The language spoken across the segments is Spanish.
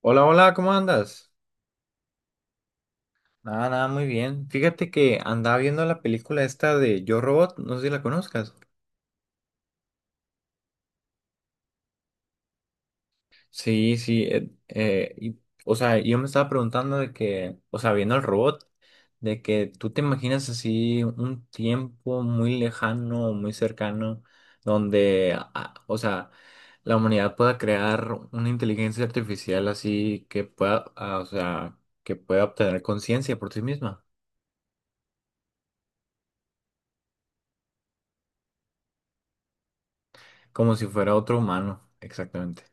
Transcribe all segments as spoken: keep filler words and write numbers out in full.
Hola, hola, ¿cómo andas? Nada, nada, muy bien. Fíjate que andaba viendo la película esta de Yo Robot, no sé si la conozcas. Sí, sí, eh, eh, y- o sea, yo me estaba preguntando de que, o sea, viendo al robot, de que tú te imaginas así un tiempo muy lejano, muy cercano, donde, ah, o sea, la humanidad pueda crear una inteligencia artificial así que pueda, ah, o sea, que pueda obtener conciencia por sí misma, como si fuera otro humano, exactamente.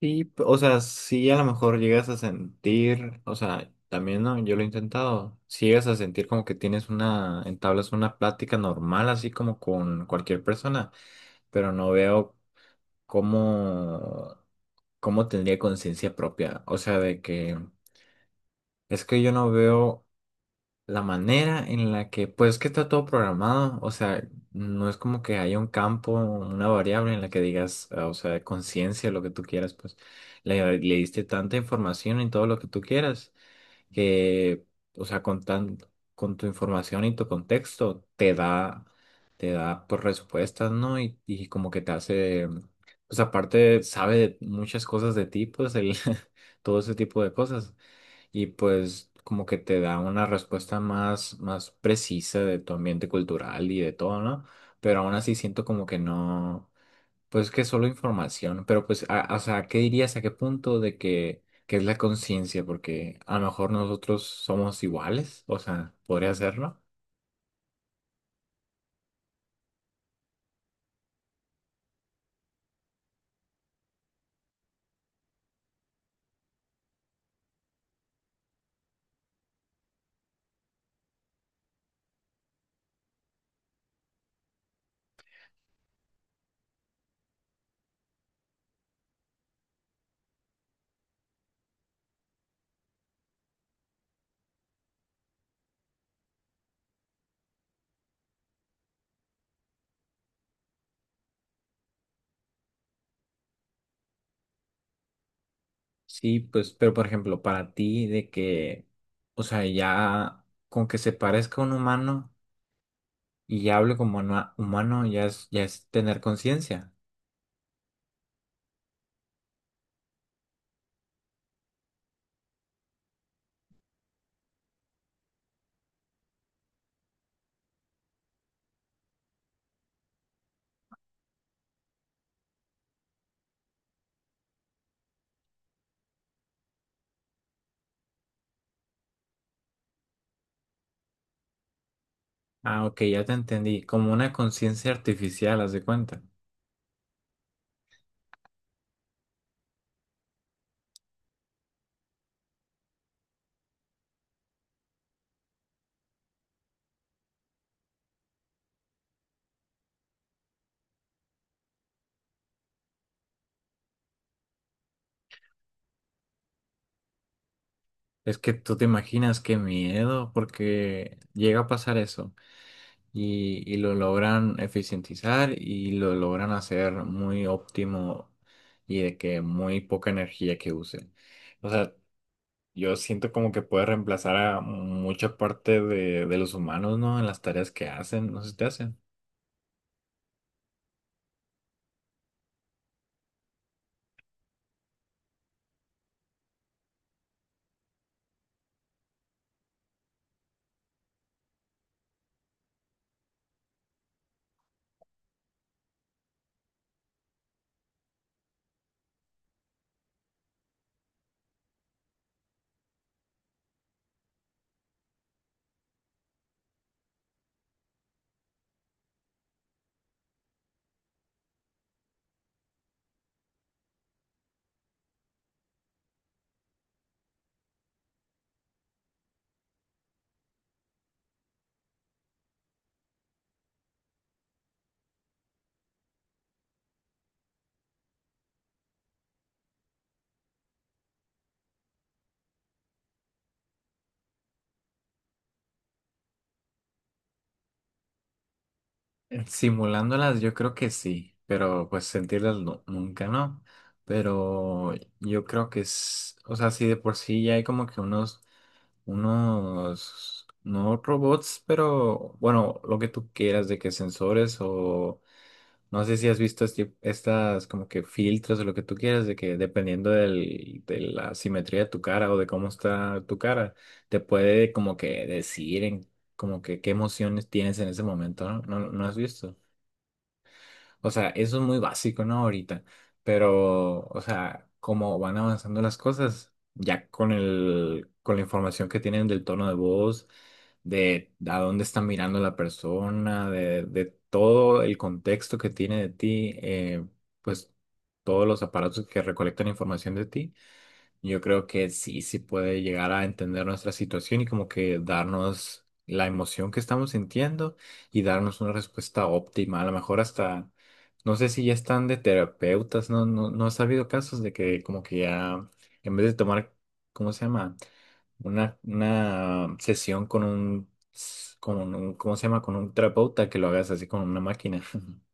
Sí, p- o sea, si a lo mejor llegas a sentir, o sea, también no, yo lo he intentado, si llegas a sentir como que tienes una, entablas una plática normal, así como con cualquier persona, pero no veo cómo, cómo tendría conciencia propia, o sea, de que es que yo no veo la manera en la que, pues que está todo programado, o sea, no es como que haya un campo, una variable en la que digas, ah, o sea, conciencia, lo que tú quieras, pues le, le diste tanta información en todo lo que tú quieras, que, o sea, con tan, con tu información y tu contexto te da, te da, pues, respuestas, ¿no? Y, y como que te hace, pues aparte sabe de muchas cosas de ti, pues el, todo ese tipo de cosas y pues como que te da una respuesta más, más precisa de tu ambiente cultural y de todo, ¿no? Pero aún así siento como que no, pues que solo información, pero pues, a- o sea, ¿qué dirías? ¿A qué punto de que, que es la conciencia? Porque a lo mejor nosotros somos iguales, o sea, podría ser, ¿no? Sí, pues, pero por ejemplo, para ti de que, o sea, ya con que se parezca a un humano y ya hable como una- humano, ya es, ya es tener conciencia. Ah, ok, ya te entendí. Como una conciencia artificial, haz de cuenta. Es que tú te imaginas qué miedo, porque llega a pasar eso y, y lo logran eficientizar y lo logran hacer muy óptimo y de que muy poca energía que use. O sea, yo siento como que puede reemplazar a mucha parte de, de los humanos, ¿no? En las tareas que hacen, no sé si te hacen. Simulándolas yo creo que sí, pero pues sentirlas nu- nunca no. Pero yo creo que es, o sea, sí de por sí ya hay como que unos, unos, no robots, pero bueno, lo que tú quieras de que sensores o no sé si has visto este- estas como que filtros o lo que tú quieras de que dependiendo del, de la simetría de tu cara o de cómo está tu cara, te puede como que decir en como que qué emociones tienes en ese momento, ¿no? ¿No, no has visto? O sea, eso es muy básico, ¿no? Ahorita. Pero, o sea, como van avanzando las cosas, ya con el, con la información que tienen del tono de voz, de a dónde está mirando la persona, de, de todo el contexto que tiene de ti, eh, pues todos los aparatos que recolectan información de ti yo creo que sí, sí puede llegar a entender nuestra situación y como que darnos la emoción que estamos sintiendo y darnos una respuesta óptima. A lo mejor hasta, no sé si ya están de terapeutas, no, no, no ha habido casos de que como que ya, en vez de tomar, ¿cómo se llama? Una, una sesión con un, con un, ¿cómo se llama? Con un terapeuta que lo hagas así con una máquina.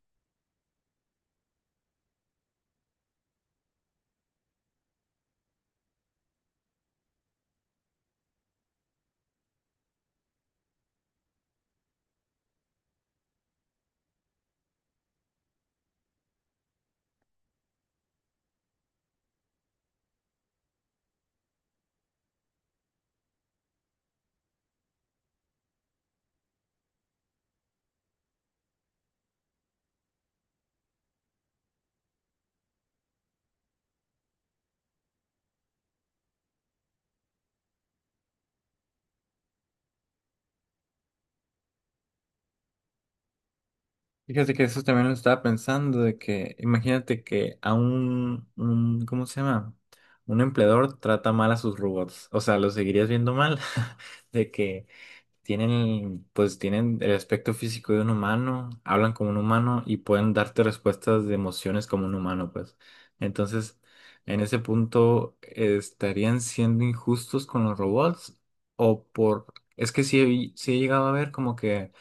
Fíjate que eso también lo estaba pensando, de que imagínate que a un, un, ¿cómo se llama? Un empleador trata mal a sus robots, o sea, los seguirías viendo mal, de que tienen, pues tienen el aspecto físico de un humano, hablan como un humano y pueden darte respuestas de emociones como un humano, pues. Entonces, en ese punto, ¿estarían siendo injustos con los robots? O por, es que sí, he- sí he llegado a ver como que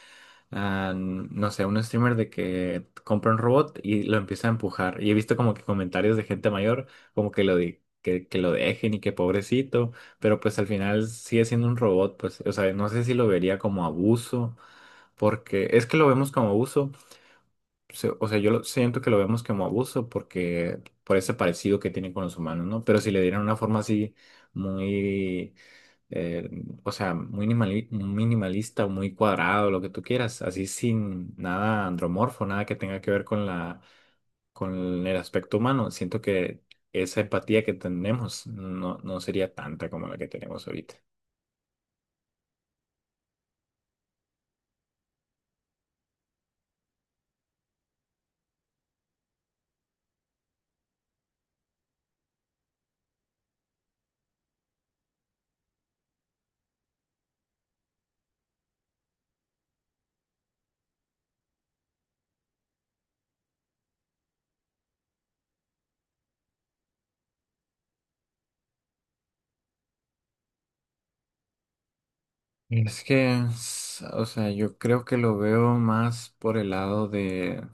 a, no sé, un streamer de que compra un robot y lo empieza a empujar. Y he visto como que comentarios de gente mayor como que lo di- que, que lo dejen y que pobrecito, pero pues al final sigue siendo un robot, pues, o sea, no sé si lo vería como abuso, porque es que lo vemos como abuso, se- o sea, yo lo- siento que lo vemos como abuso porque por ese parecido que tiene con los humanos, ¿no? Pero si le dieran una forma así muy eh, o sea, muy minimali- minimalista o muy cuadrado, lo que tú quieras, así sin nada andromorfo, nada que tenga que ver con la, con el aspecto humano. Siento que esa empatía que tenemos no, no sería tanta como la que tenemos ahorita. Es que, s- o sea, yo creo que lo veo más por el lado de,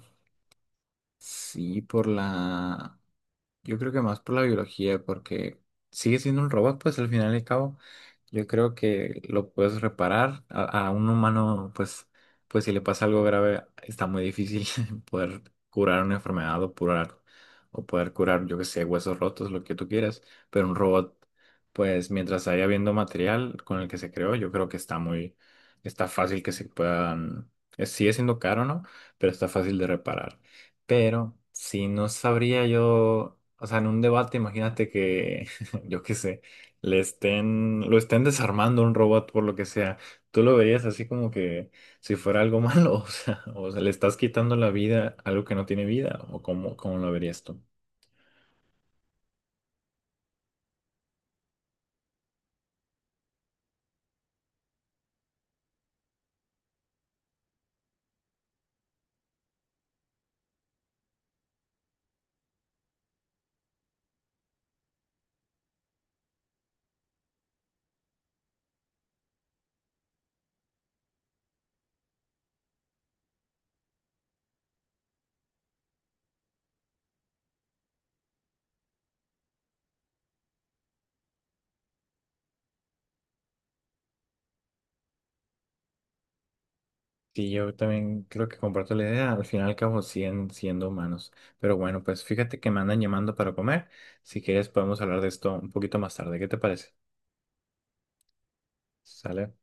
sí, por la... Yo creo que más por la biología, porque sigue siendo un robot, pues al final y al cabo, yo creo que lo puedes reparar. A, a un humano, pues, pues si le pasa algo grave, está muy difícil poder curar una enfermedad o curar, o poder curar, yo que sé, huesos rotos, lo que tú quieras. Pero un robot, pues mientras haya habiendo material con el que se creó, yo creo que está muy, está fácil que se puedan, eh, sigue siendo caro, ¿no? Pero está fácil de reparar. Pero si no sabría yo, o sea, en un debate, imagínate que, yo qué sé, le estén, lo estén desarmando un robot por lo que sea. ¿Tú lo verías así como que si fuera algo malo? O sea, o sea, le estás quitando la vida a algo que no tiene vida, o cómo, ¿cómo lo verías tú? Sí, yo también creo que comparto la idea. Al final y al cabo siguen siendo humanos. Pero bueno, pues fíjate que me andan llamando para comer. Si quieres podemos hablar de esto un poquito más tarde. ¿Qué te parece? ¿Sale?